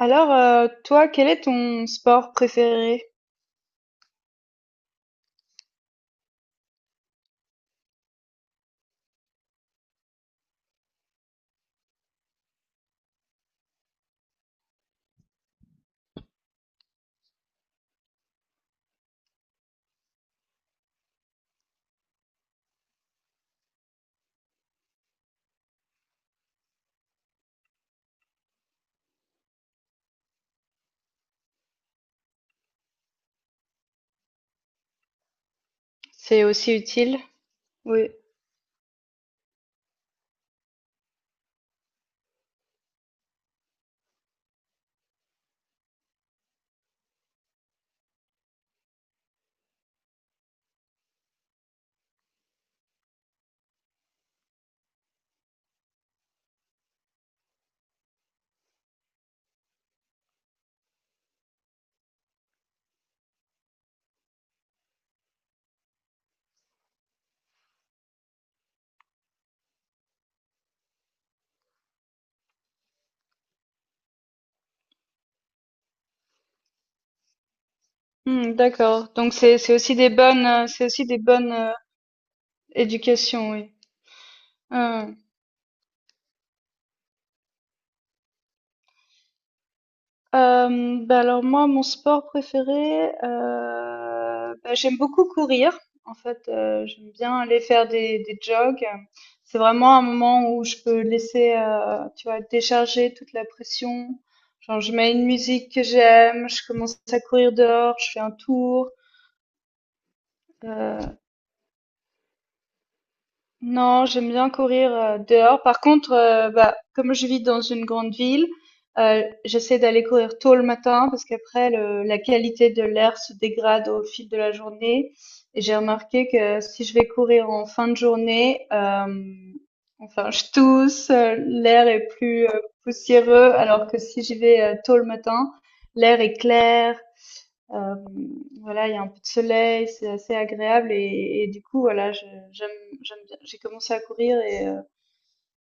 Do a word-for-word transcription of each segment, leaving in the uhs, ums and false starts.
Alors, euh, toi, quel est ton sport préféré? C'est aussi utile. Oui. Hmm, d'accord. Donc c'est c'est aussi des bonnes euh, c'est aussi des bonnes euh, éducations, oui. Hein. Euh, bah alors moi, mon sport préféré, euh, bah, j'aime beaucoup courir. En fait, euh, j'aime bien aller faire des, des jogs. C'est vraiment un moment où je peux laisser, euh, tu vois, décharger toute la pression. Genre, je mets une musique que j'aime, je commence à courir dehors, je fais un tour. Euh, non, j'aime bien courir euh, dehors. Par contre, euh, bah, comme je vis dans une grande ville, euh, j'essaie d'aller courir tôt le matin parce qu'après, le- la qualité de l'air se dégrade au fil de la journée. Et j'ai remarqué que si je vais courir en fin de journée, euh, enfin, je tousse, euh, l'air est plus euh, poussiéreux, alors que si j'y vais euh, tôt le matin, l'air est clair, euh, voilà, il y a un peu de soleil, c'est assez agréable et, et du coup, voilà, je- j'aime, j'aime bien. J'ai commencé à courir et euh,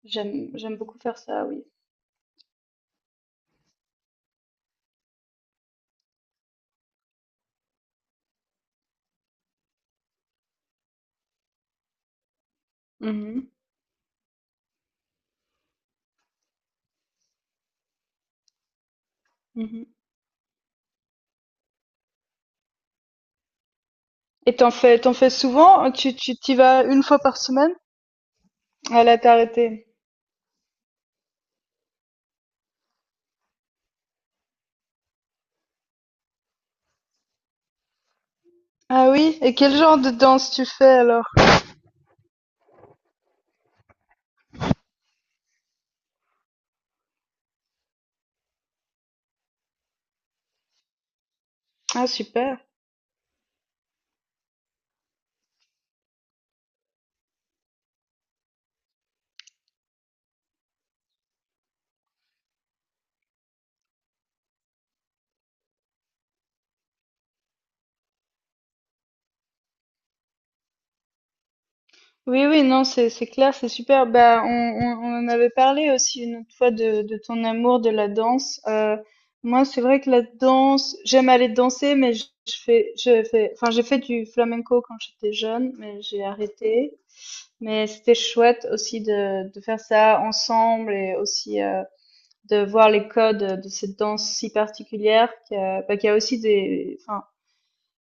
j'aime, j'aime beaucoup faire ça, oui. Mhm, mhm. Et t'en fais, t'en fais souvent? Hein, Tu, tu t'y vas une fois par semaine? Ah là, t'as arrêté. Ah oui, et quel genre de danse tu fais alors? Ah super. Oui, oui, non, c'est c'est clair, c'est super. Bah, on, on, on en avait parlé aussi une autre fois de, de ton amour de la danse. Euh, moi, c'est vrai que la danse, j'aime aller danser, mais je je fais, je fais, enfin, j'ai fait du flamenco quand j'étais jeune, mais j'ai arrêté. Mais c'était chouette aussi de, de faire ça ensemble et aussi euh, de voir les codes de cette danse si particulière qui a, bah, qui a aussi des, enfin,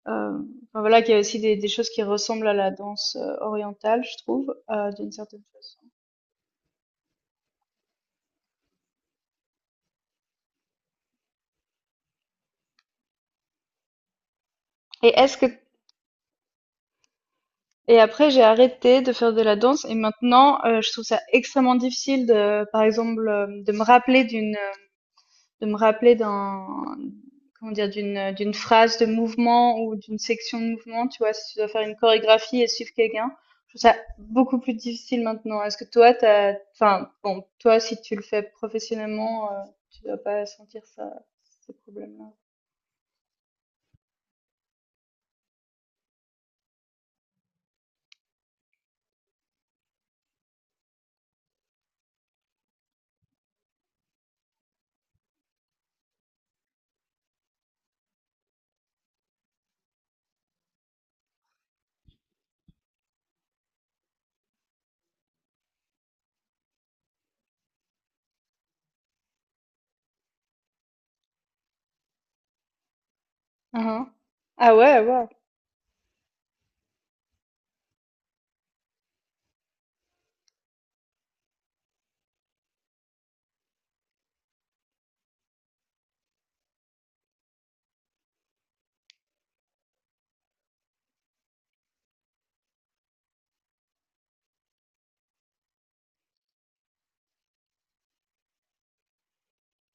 euh, enfin, voilà, qu'il y a aussi des, des choses qui ressemblent à la danse euh, orientale, je trouve, euh, d'une certaine façon. Et est-ce que et après j'ai arrêté de faire de la danse et maintenant euh, je trouve ça extrêmement difficile de, par exemple, euh, de me rappeler d'une euh, de me rappeler d'un, comment dire, d'une, d'une phrase de mouvement ou d'une section de mouvement. Tu vois, si tu dois faire une chorégraphie et suivre quelqu'un, je trouve ça beaucoup plus difficile maintenant. Est-ce que toi, t'as, enfin, bon, toi, si tu le fais professionnellement, euh, tu dois pas sentir ça, ces problèmes-là. Ah, ah. Ah ouais, ouais,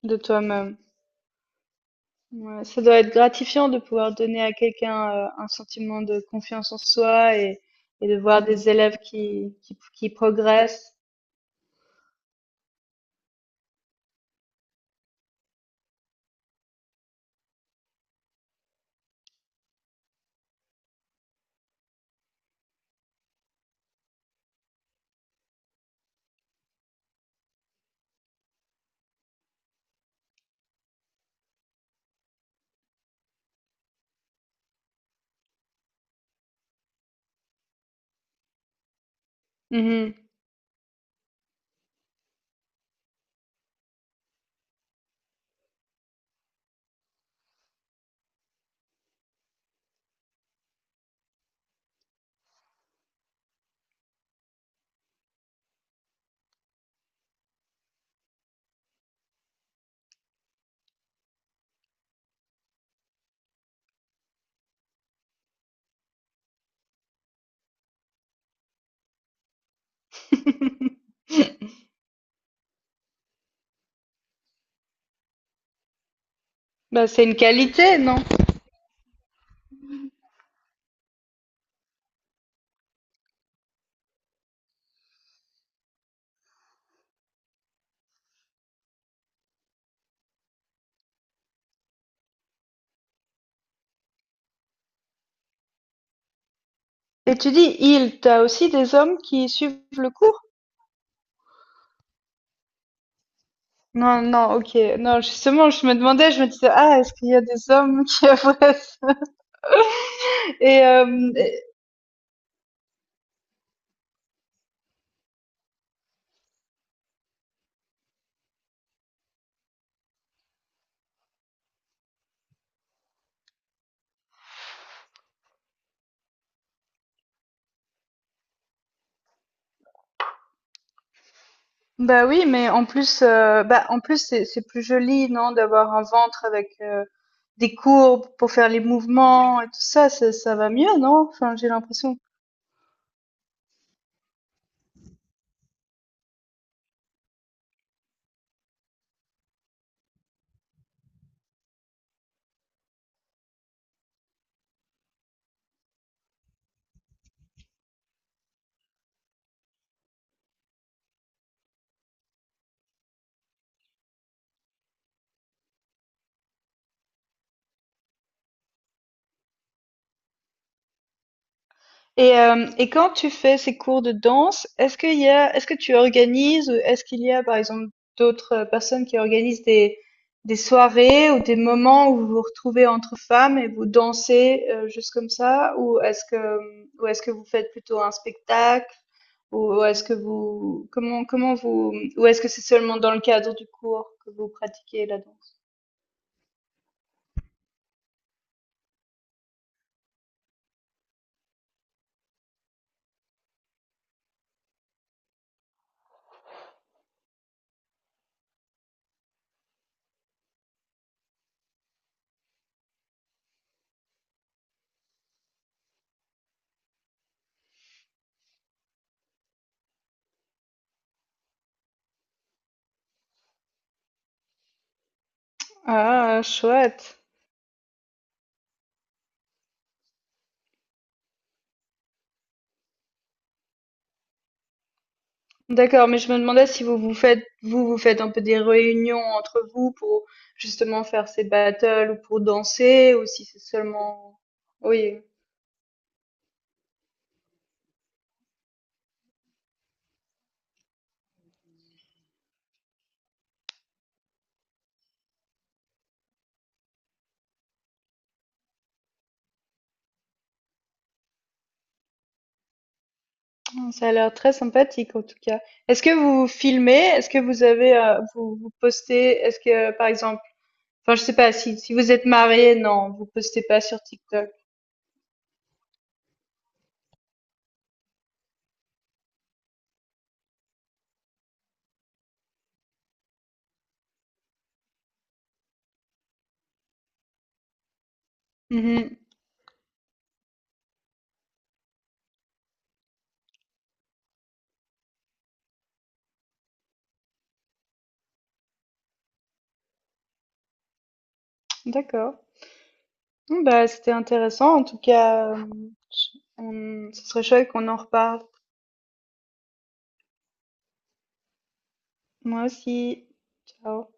de toi-même. Ouais, ça doit être gratifiant de pouvoir donner à quelqu'un euh, un sentiment de confiance en soi et, et de voir des élèves qui, qui, qui progressent. Bah, c'est une qualité, non? Et tu dis il, t'as aussi des hommes qui suivent le cours? Non, non, ok. Non, justement, je me demandais, je me disais, ah, est-ce qu'il y a des hommes qui avoueraient ça? Et, euh, et- bah oui, mais en plus, euh, bah, en plus, c'est, c'est plus joli, non, d'avoir un ventre avec euh, des courbes pour faire les mouvements et tout ça, ça, ça va mieux, non? Enfin, j'ai l'impression. Et, euh, et quand tu fais ces cours de danse, est-ce qu'il y a, est-ce que tu organises, ou est-ce qu'il y a par exemple d'autres euh, personnes qui organisent des, des soirées ou des moments où vous vous retrouvez entre femmes et vous dansez euh, juste comme ça, ou est-ce que, ou est-ce que vous faites plutôt un spectacle, ou est-ce que vous, comment, comment vous, ou est-ce que c'est seulement dans le cadre du cours que vous pratiquez la danse? Ah, chouette. D'accord, mais je me demandais si vous vous faites, vous, vous faites un peu des réunions entre vous pour justement faire ces battles ou pour danser ou si c'est seulement... Oui, ça a l'air très sympathique en tout cas. Est-ce que vous filmez? Est-ce que vous avez, euh, vous, vous postez? Est-ce que, par exemple, enfin, je sais pas, si, si vous êtes marié, non, vous postez pas sur TikTok. Mhm. D'accord. Bon, bah, c'était intéressant. En tout cas, euh, je- on- ce serait chouette qu'on en reparle. Moi aussi. Ciao.